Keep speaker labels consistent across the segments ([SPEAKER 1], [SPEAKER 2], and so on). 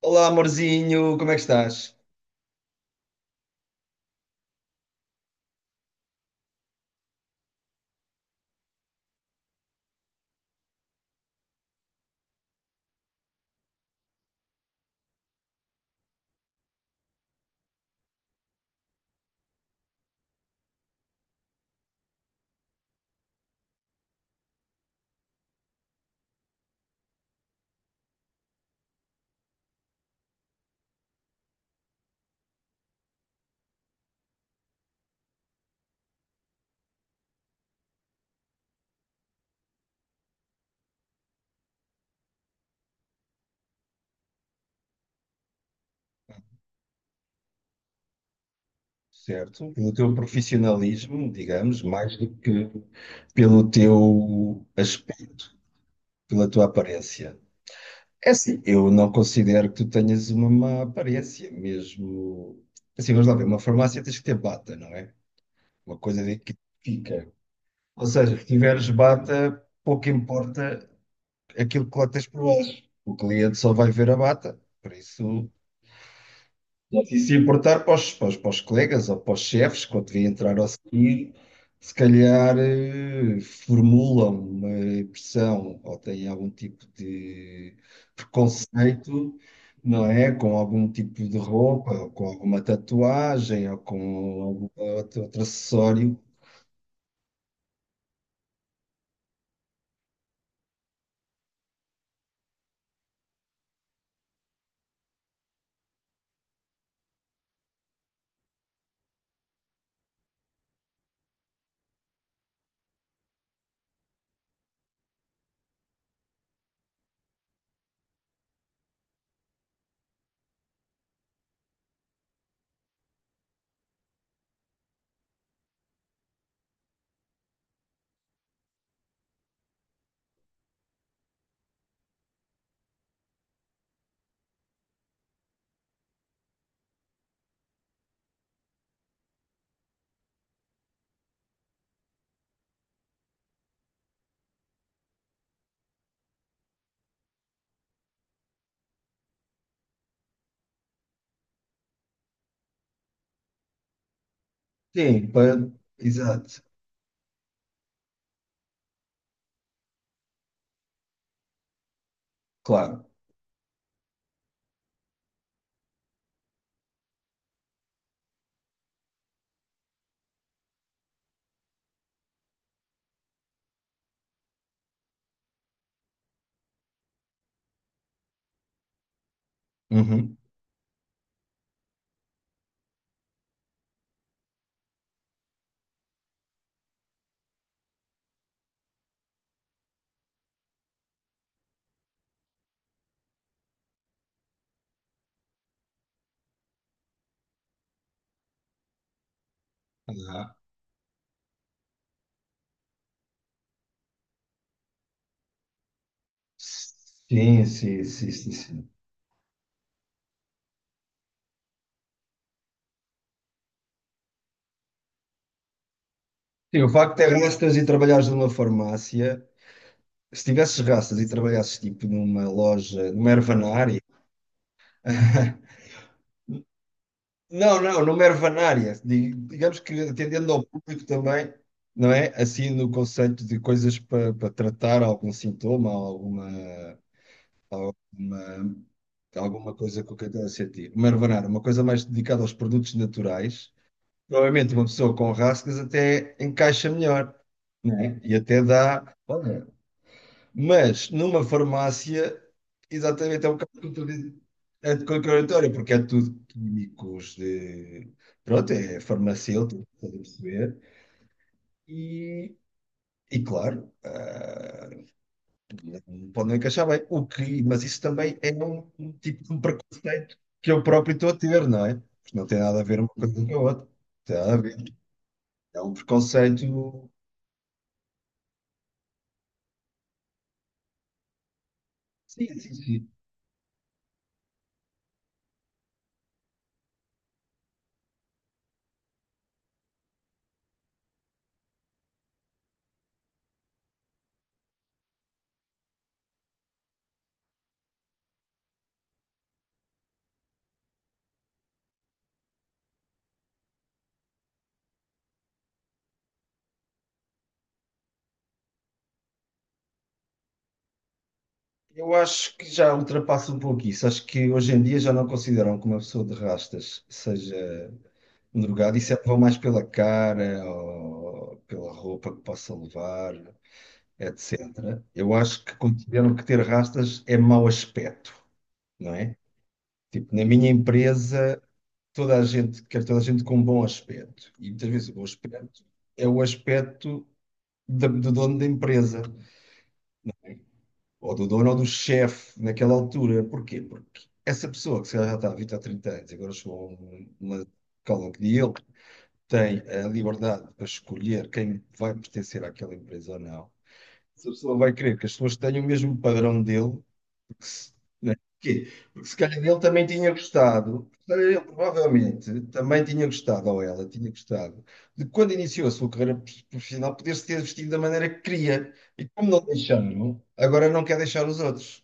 [SPEAKER 1] Olá, amorzinho, como é que estás? Certo, pelo teu profissionalismo, digamos, mais do que pelo teu aspecto, pela tua aparência. É assim, eu não considero que tu tenhas uma má aparência, mesmo. Assim, vamos lá ver, uma farmácia tens que ter bata, não é? Uma coisa de que fica. Ou seja, se tiveres bata, pouco importa aquilo que lá tens por baixo. O cliente só vai ver a bata, por isso. E se importar para os colegas ou para os chefes, quando vêm entrar ao sair, se calhar formulam uma impressão ou têm algum tipo de preconceito, não é? Com algum tipo de roupa, ou com alguma tatuagem, ou com algum outro acessório. Sim, para... exato, claro. Uhum. Ah, sim, sim, sim, sim, sim. Sim, o facto de arrastas e trabalhares numa farmácia. Se tivesses raças e trabalhasses tipo numa loja, numa ervanária. Não, não, numa ervanária. Digamos que atendendo ao público também, não é? Assim no conceito de coisas para tratar algum sintoma, uma- alguma coisa que eu queira sentir. Uma ervanária, uma coisa mais dedicada aos produtos naturais. Provavelmente uma pessoa com rascas até encaixa melhor, não é? E até dá. Olha, mas numa farmácia, exatamente é um bocado é contraditório, porque é tudo químicos de. Pronto, é farmacêutico, estás a perceber? E, e claro, ah, não podem encaixar bem. O que, mas isso também é um tipo de um preconceito que eu próprio estou a ter, não é? Porque não tem nada a ver uma coisa com a outra. Não tem nada a ver. É um preconceito. Sim, sim, sim. Eu acho que já ultrapassa um pouco isso. Acho que hoje em dia já não consideram que uma pessoa de rastas seja um drogado e sempre vão mais pela cara ou pela roupa que possa levar, etc. Eu acho que consideram que ter rastas é mau aspecto, não é? Tipo, na minha empresa, toda a gente quer toda a gente com um bom aspecto. E muitas vezes o bom aspecto é o aspecto do dono da empresa, ou do dono ou do chefe naquela altura. Porquê? Porque essa pessoa que se calhar já está há 20 ou 30 anos, e agora chegou a uma escala que ele tem a liberdade para escolher quem vai pertencer àquela empresa ou não. Essa pessoa vai querer que as pessoas tenham o mesmo padrão dele, porque se, né? Porquê? Porque se calhar ele também tinha gostado, se calhar ele provavelmente também tinha gostado, ou ela tinha gostado, de quando iniciou a sua carreira profissional poder-se ter vestido da maneira que queria. E como não deixaram, agora não quer deixar os outros.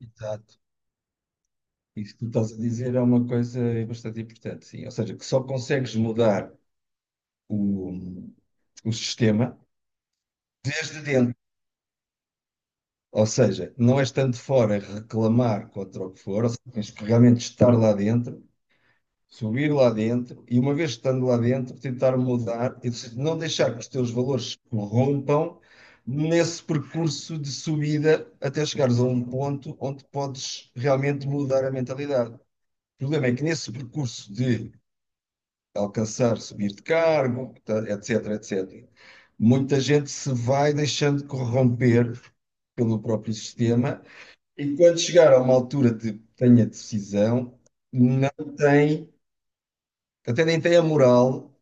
[SPEAKER 1] Exato. Isso que tu estás a dizer é uma coisa bastante importante, sim. Ou seja, que só consegues mudar o, o sistema desde dentro. Ou seja, não é estando fora a reclamar contra o que for, ou seja, tens que realmente estar lá dentro, subir lá dentro e, uma vez estando lá dentro, tentar mudar e não deixar que os teus valores se corrompam nesse percurso de subida até chegares a um ponto onde podes realmente mudar a mentalidade. O problema é que nesse percurso de alcançar, subir de cargo, etc, etc. Muita gente se vai deixando corromper pelo próprio sistema e quando chegar a uma altura de tenha decisão, não tem, até nem tem a moral,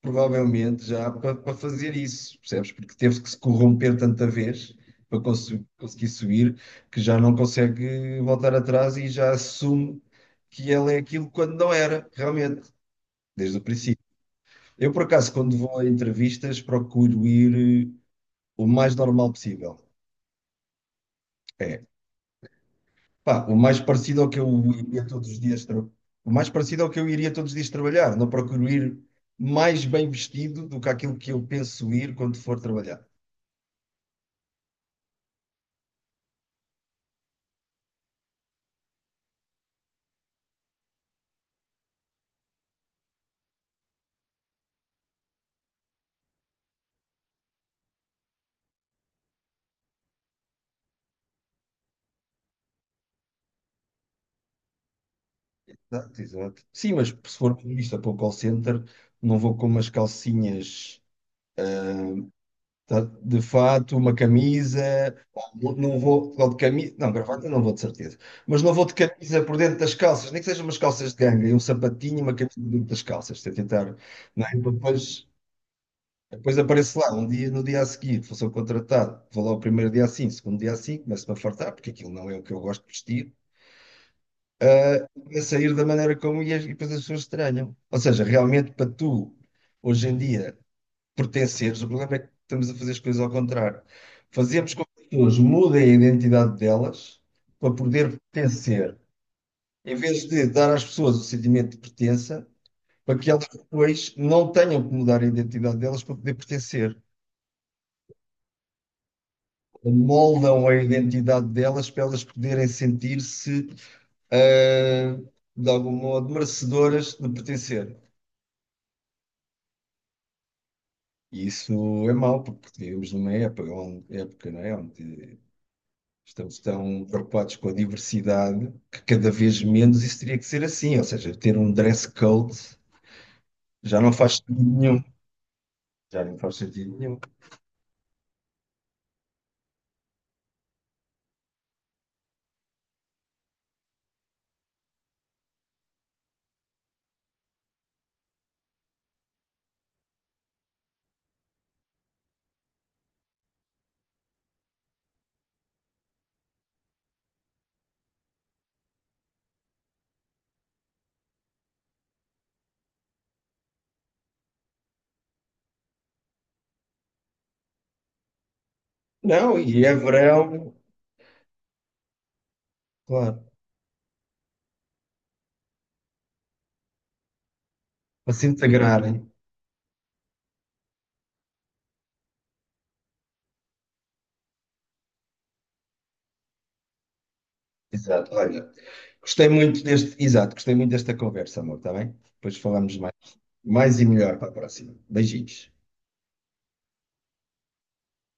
[SPEAKER 1] provavelmente, já para fazer isso, percebes? Porque teve que se corromper tanta vez para conseguir subir que já não consegue voltar atrás e já assume que ela é aquilo quando não era, realmente, desde o princípio. Eu, por acaso, quando vou a entrevistas, procuro ir o mais normal possível. É, pá, o mais parecido ao que eu iria todos os dias, o mais parecido ao que eu iria todos os dias trabalhar. Não procuro ir mais bem vestido do que aquilo que eu penso ir quando for trabalhar. Exato, exato. Sim, mas se for vista para o call center, não vou com umas calcinhas. Tá. De fato, uma camisa, ou não vou ou de camisa, não, gravata não vou de certeza, mas não vou de camisa por dentro das calças, nem que sejam umas calças de ganga, e um sapatinho e uma camisa por dentro das calças, se tentar, não é? Para depois, depois apareço lá, um dia, no dia a seguir, vou ser contratado, vou lá o primeiro dia assim, segundo dia assim, começo-me a fartar, porque aquilo não é o que eu gosto de vestir, a sair da maneira como ia, e depois as pessoas estranham. Ou seja, realmente para tu, hoje em dia pertenceres. O problema é que estamos a fazer as coisas ao contrário. Fazemos com que as pessoas mudem a identidade delas para poder pertencer, em vez de dar às pessoas o sentimento de pertença, para que elas depois não tenham que mudar a identidade delas para poder pertencer. Moldam a identidade delas para elas poderem sentir-se, ah, de algum modo, merecedoras de pertencer. E isso é mau, porque vivemos numa época, época, não é? Onde estão preocupados com a diversidade, que cada vez menos isso teria que ser assim. Ou seja, ter um dress code já não faz sentido nenhum. Já não faz sentido nenhum. Não, e é verão, claro, para se integrarem. Exato, olha. Exato, gostei muito desta conversa, amor, está bem? Depois falamos mais, mais e melhor para a próxima. Beijinhos.